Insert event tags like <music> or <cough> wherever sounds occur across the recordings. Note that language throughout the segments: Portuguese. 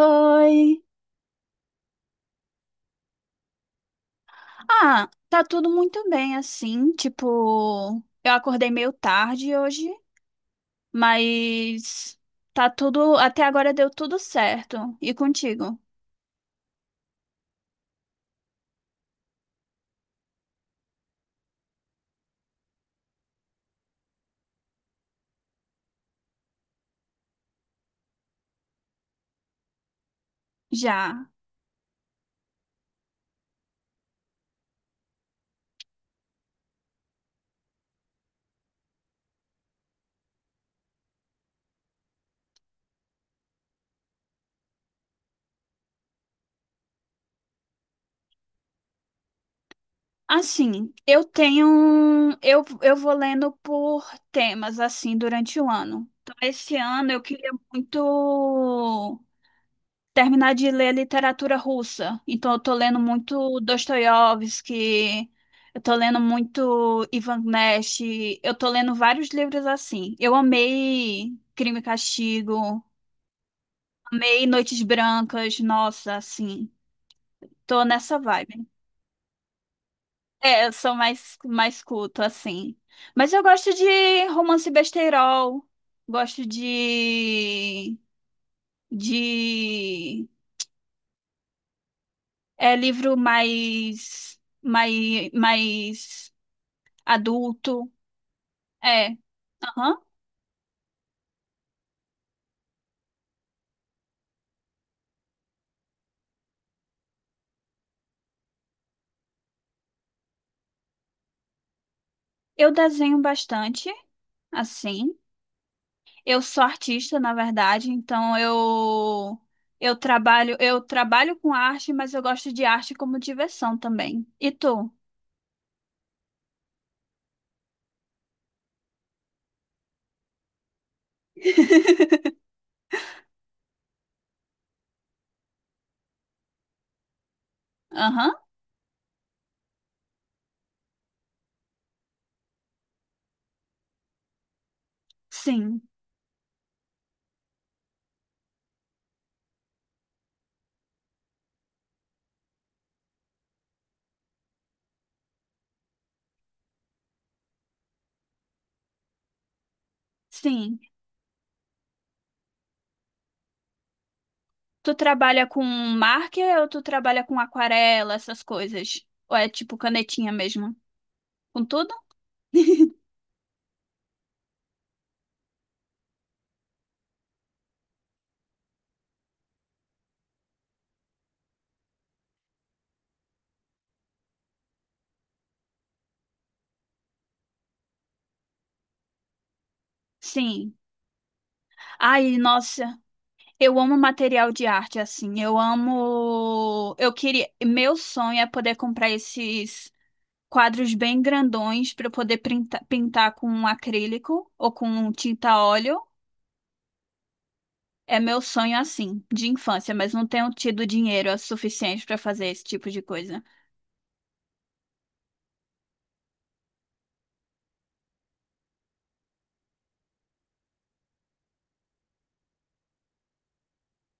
Oi. Ah, tá tudo muito bem assim, tipo, eu acordei meio tarde hoje, mas tá tudo, até agora deu tudo certo. E contigo? Já. Assim, eu tenho, um, eu vou lendo por temas assim durante o ano. Então, esse ano eu queria muito terminar de ler literatura russa. Então, eu tô lendo muito Dostoiévski, eu tô lendo muito Ivan Nash, eu tô lendo vários livros assim. Eu amei Crime e Castigo, amei Noites Brancas, nossa, assim, tô nessa vibe. É, eu sou mais culto, assim. Mas eu gosto de romance besteirol, gosto de, de. É livro mais adulto. É. Aham. Eu desenho bastante, assim. Eu sou artista, na verdade, então eu trabalho, eu trabalho com arte, mas eu gosto de arte como diversão também. E tu? Aham. Sim. Sim. Tu trabalha com marker ou tu trabalha com aquarela, essas coisas? Ou é tipo canetinha mesmo? Com tudo? <laughs> Sim. Ai, nossa. Eu amo material de arte, assim. Eu amo. Eu queria. Meu sonho é poder comprar esses quadros bem grandões para eu poder printa- pintar com um acrílico ou com tinta óleo. É meu sonho, assim, de infância, mas não tenho tido dinheiro suficiente para fazer esse tipo de coisa.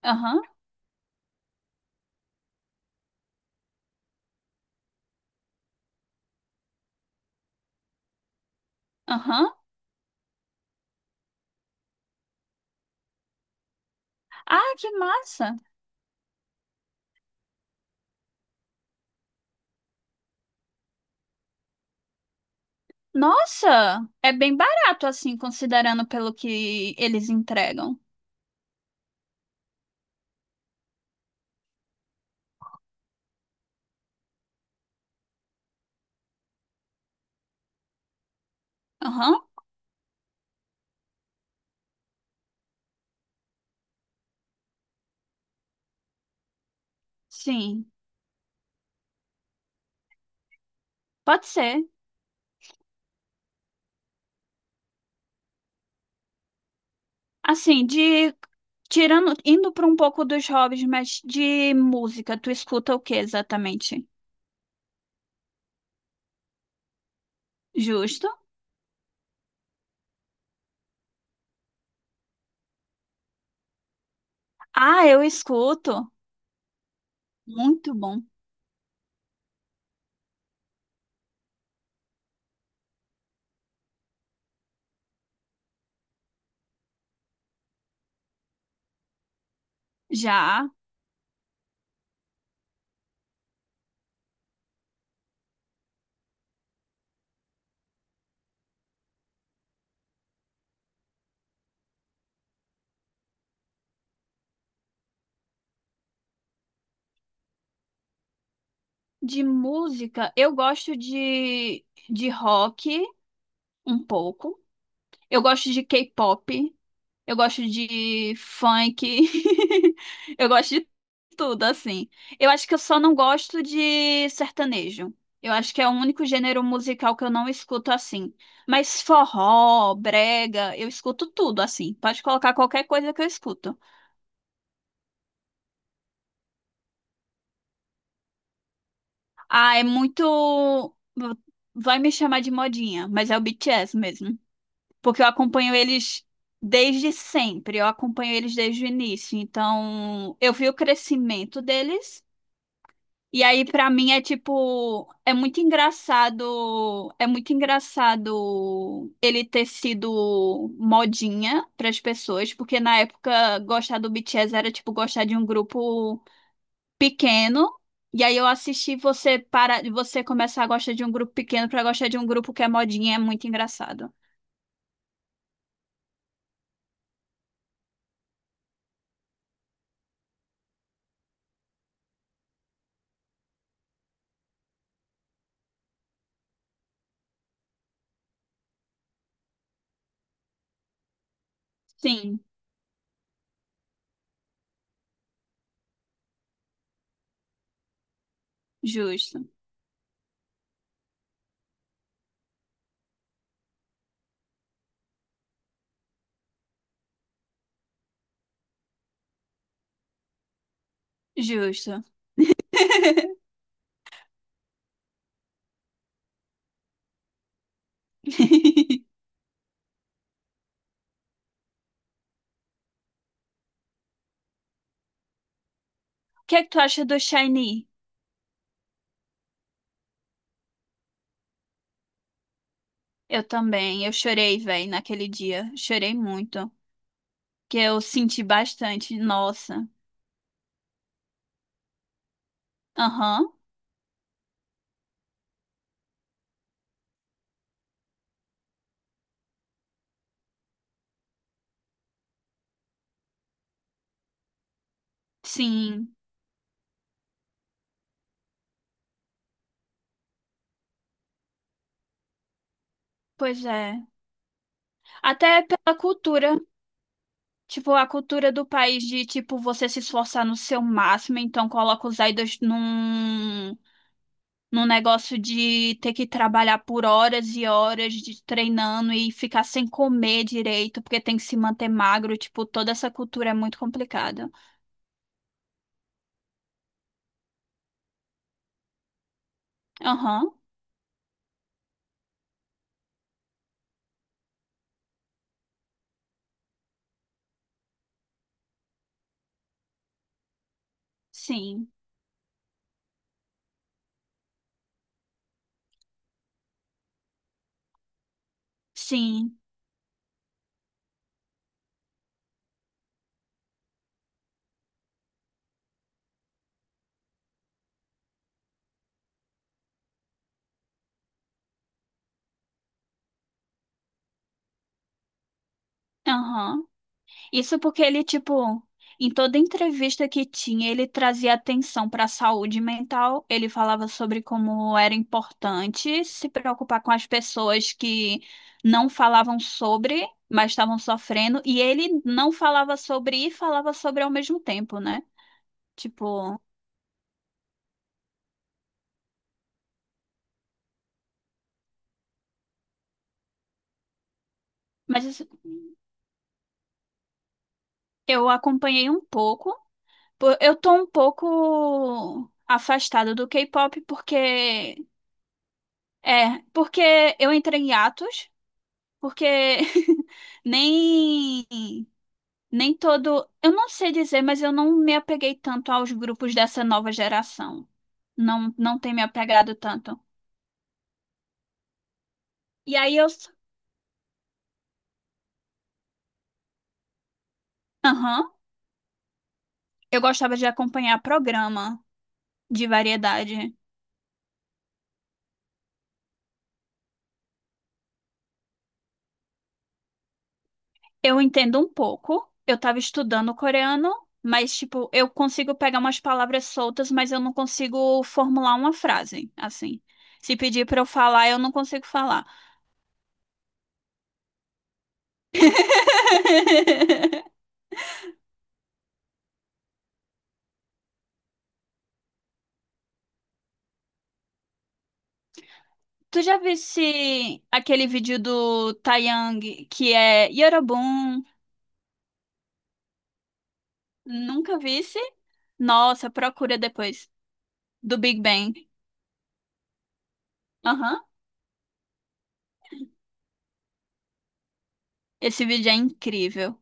Aham, aham. Ah, que massa! Nossa! É bem barato, assim, considerando pelo que eles entregam. Aham, sim. Pode ser. Assim, de tirando, indo para um pouco dos hobbies, mas de música, tu escuta o que exatamente? Justo? Ah, eu escuto. Muito bom. Já de música, eu gosto de rock um pouco. Eu gosto de K-pop. Eu gosto de funk. <laughs> Eu gosto de tudo, assim. Eu acho que eu só não gosto de sertanejo. Eu acho que é o único gênero musical que eu não escuto assim. Mas forró, brega, eu escuto tudo assim. Pode colocar qualquer coisa que eu escuto. Ah, é muito. Vai me chamar de modinha, mas é o BTS mesmo. Porque eu acompanho eles desde sempre. Eu acompanho eles desde o início. Então, eu vi o crescimento deles. E aí, pra mim, é tipo, é muito engraçado ele ter sido modinha pras pessoas, porque na época gostar do BTS era tipo gostar de um grupo pequeno. E aí eu assisti você para você começar a gostar de um grupo pequeno pra gostar de um grupo que é modinha, é muito engraçado. Sim, justo, justo. <laughs> O que é que tu acha do Shiny? Eu também, eu chorei, velho, naquele dia, chorei muito. Que eu senti bastante. Nossa. Aham. Sim. Pois é. Até pela cultura. Tipo, a cultura do país de, tipo, você se esforçar no seu máximo, então coloca os idols num, num negócio de ter que trabalhar por horas e horas de treinando e ficar sem comer direito, porque tem que se manter magro. Tipo, toda essa cultura é muito complicada. Aham. Sim. Sim. Aham. Isso porque ele, tipo, em toda entrevista que tinha, ele trazia atenção para a saúde mental. Ele falava sobre como era importante se preocupar com as pessoas que não falavam sobre, mas estavam sofrendo. E ele não falava sobre e falava sobre ao mesmo tempo, né? Tipo, mas isso- eu acompanhei um pouco. Pô, eu tô um pouco afastada do K-pop porque é, porque eu entrei em atos. Porque <laughs> nem nem todo, eu não sei dizer, mas eu não me apeguei tanto aos grupos dessa nova geração. Não tem me apegado tanto. E aí eu, aham, eu gostava de acompanhar programa de variedade. Eu entendo um pouco. Eu estava estudando coreano, mas tipo, eu consigo pegar umas palavras soltas, mas eu não consigo formular uma frase, assim. Se pedir para eu falar, eu não consigo falar. <laughs> Tu já visse aquele vídeo do Taeyang que é Yorobun? Nunca visse? Nossa, procura depois. Do Big Bang. Aham. Esse vídeo é incrível.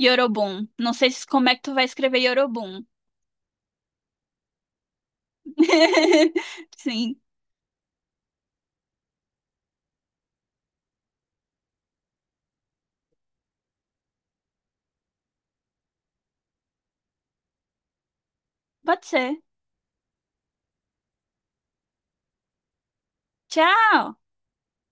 Yorobun. Não sei se- como é que tu vai escrever Yorobun. <laughs> Sim, pode ser. Tchau!